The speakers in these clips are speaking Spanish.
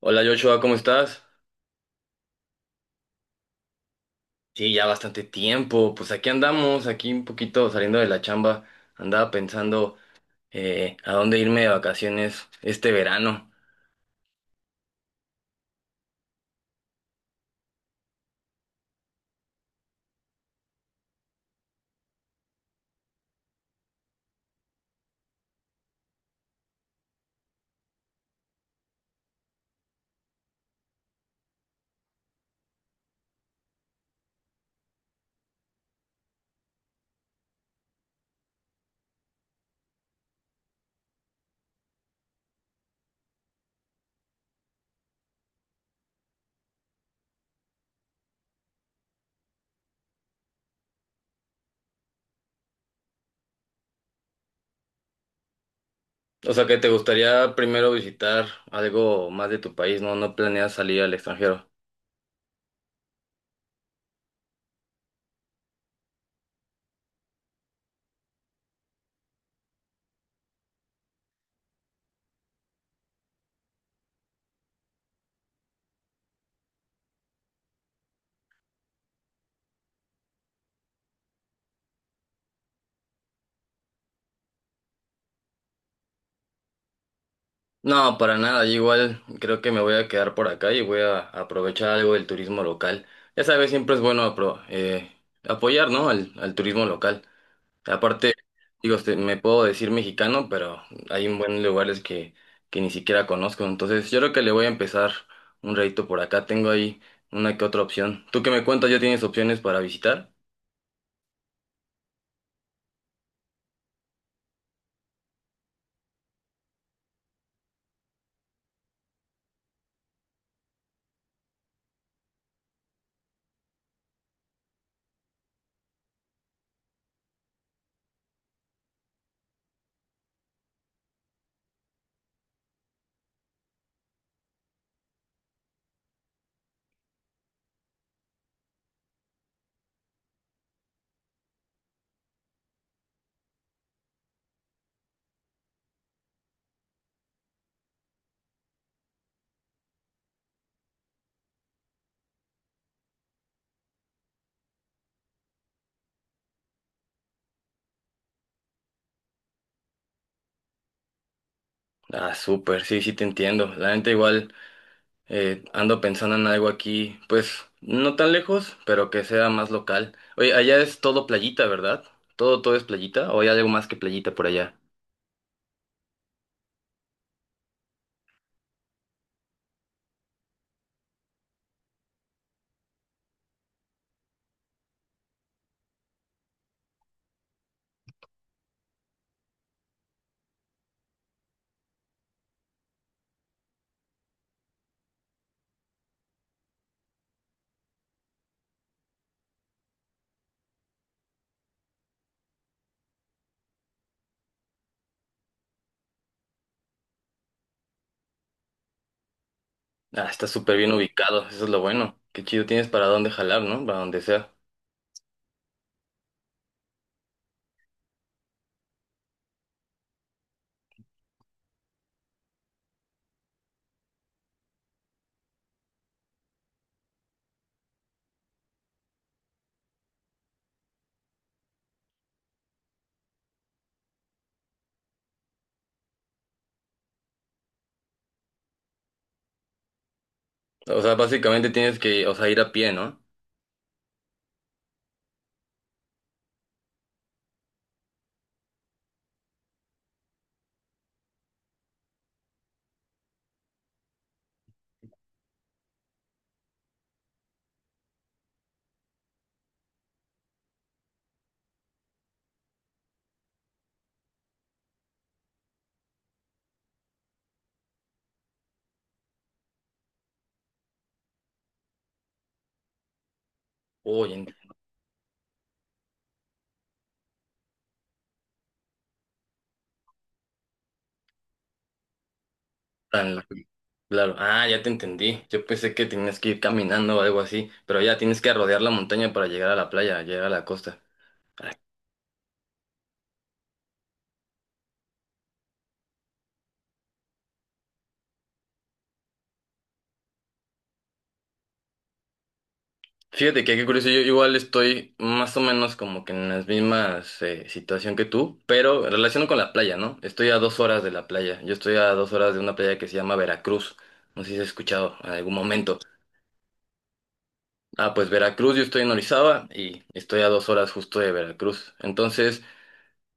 Hola Joshua, ¿cómo estás? Sí, ya bastante tiempo. Pues aquí andamos, aquí un poquito saliendo de la chamba. Andaba pensando a dónde irme de vacaciones este verano. O sea, que te gustaría primero visitar algo más de tu país, ¿no? No planeas salir al extranjero. No, para nada. Yo igual creo que me voy a quedar por acá y voy a aprovechar algo del turismo local. Ya sabes, siempre es bueno apoyar, ¿no? Al turismo local. Aparte, digo, este, me puedo decir mexicano, pero hay un buen lugares que ni siquiera conozco. Entonces, yo creo que le voy a empezar un ratito por acá. Tengo ahí una que otra opción. ¿Tú qué me cuentas? ¿Ya tienes opciones para visitar? Ah, súper, sí, sí te entiendo. La gente igual ando pensando en algo aquí, pues no tan lejos, pero que sea más local. Oye, ¿allá es todo playita, ¿verdad? Todo, todo es playita, o hay algo más que playita por allá. Ah, está súper bien ubicado, eso es lo bueno. Qué chido, tienes para dónde jalar, ¿no? Para donde sea. O sea, básicamente tienes que, o sea, ir a pie, ¿no? Uy, en- tan la- Claro. Ah, ya te entendí. Yo pensé que tenías que ir caminando o algo así, pero ya tienes que rodear la montaña para llegar a la playa, llegar a la costa. Ah, Fíjate que qué curioso, yo igual estoy más o menos como que en las mismas situación que tú, pero en relación con la playa, ¿no? Estoy a dos horas de la playa. Yo estoy a dos horas de una playa que se llama Veracruz. No sé si has escuchado en algún momento. Ah, pues Veracruz, yo estoy en Orizaba y estoy a dos horas justo de Veracruz. Entonces,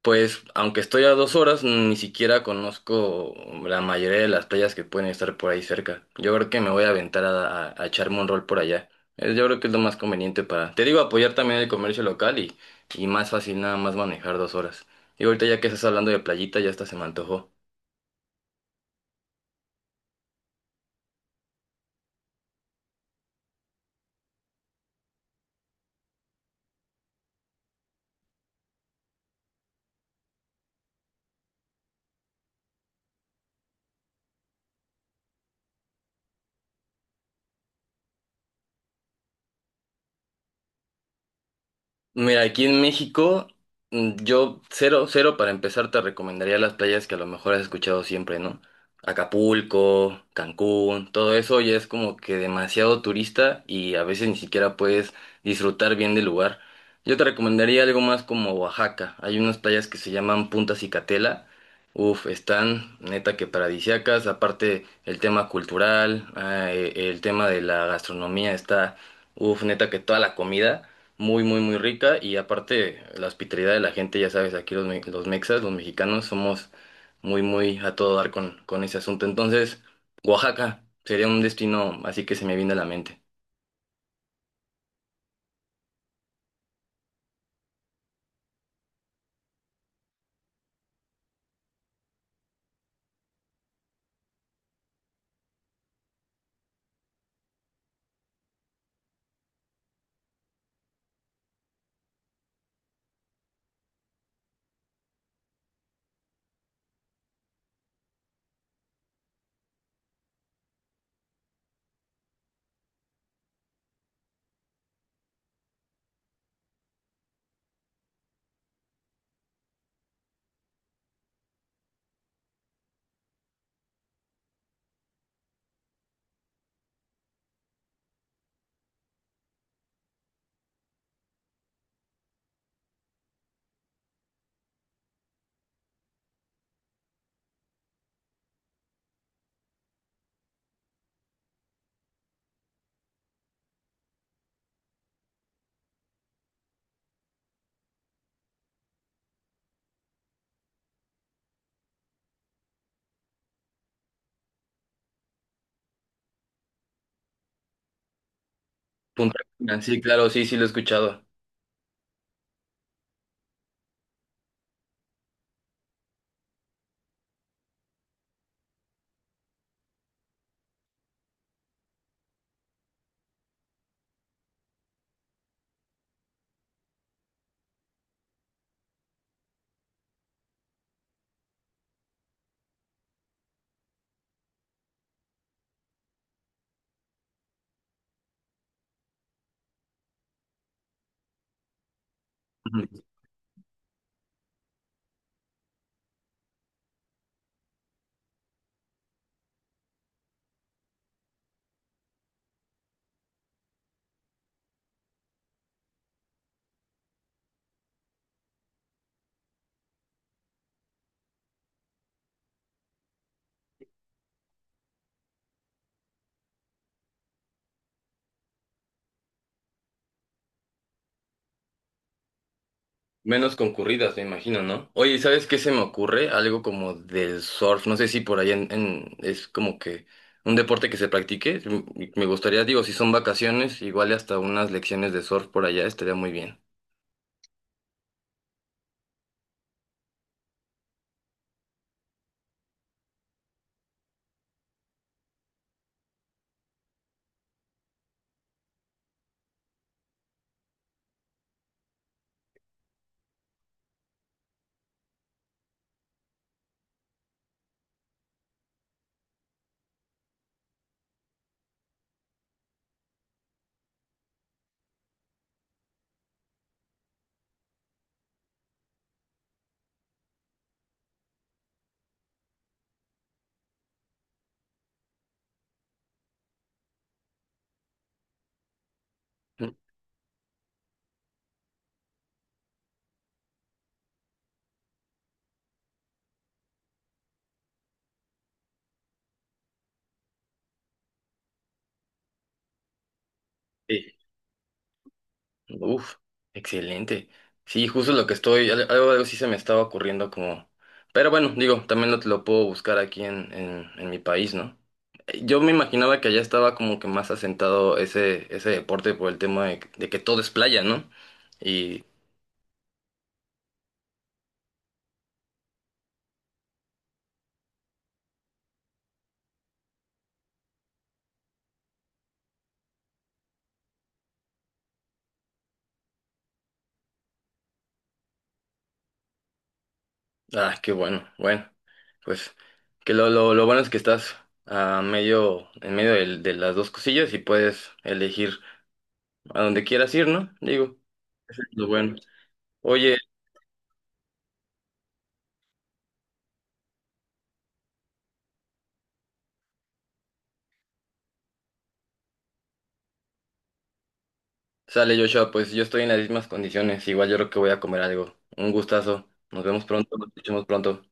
pues, aunque estoy a dos horas, ni siquiera conozco la mayoría de las playas que pueden estar por ahí cerca. Yo creo que me voy a aventar a echarme un rol por allá. Yo creo que es lo más conveniente para, te digo, apoyar también el comercio local y más fácil nada más manejar dos horas. Y ahorita ya que estás hablando de playita, ya hasta se me antojó. Mira, aquí en México, yo cero, cero para empezar te recomendaría las playas que a lo mejor has escuchado siempre, ¿no? Acapulco, Cancún, todo eso ya es como que demasiado turista y a veces ni siquiera puedes disfrutar bien del lugar. Yo te recomendaría algo más como Oaxaca. Hay unas playas que se llaman Punta Cicatela. Uf, están neta que paradisíacas. Aparte el tema cultural, ah, el tema de la gastronomía está, uf, neta que toda la comida. Muy, muy, muy rica y aparte la hospitalidad de la gente, ya sabes, aquí los, los mexas, los mexicanos, somos muy, muy a todo dar con ese asunto. Entonces, Oaxaca sería un destino así que se me viene a la mente. Punta Cana, sí, claro, sí, sí, lo he escuchado. Ujú. Menos concurridas, me imagino, ¿no? Oye, ¿sabes qué se me ocurre? Algo como del surf, no sé si por allá es como que un deporte que se practique. Me gustaría, digo, si son vacaciones, igual y hasta unas lecciones de surf por allá estaría muy bien. Ujú. Sí. Uf, excelente. Sí, justo lo que estoy, algo, algo sí se me estaba ocurriendo como... Pero bueno, digo, también lo puedo buscar aquí en, en mi país, ¿no? Yo me imaginaba que allá estaba como que más asentado ese, ese deporte por el tema de que todo es playa, ¿no? Y, ah, qué bueno, bueno, pues que lo, lo bueno es que estás a medio, en medio de las dos cosillas y puedes elegir a donde quieras ir, ¿no? Digo, lo bueno. Oye, sale Joshua, pues yo estoy en las mismas condiciones. Igual yo creo que voy a comer algo. Un gustazo. Nos vemos pronto, nos escuchamos pronto.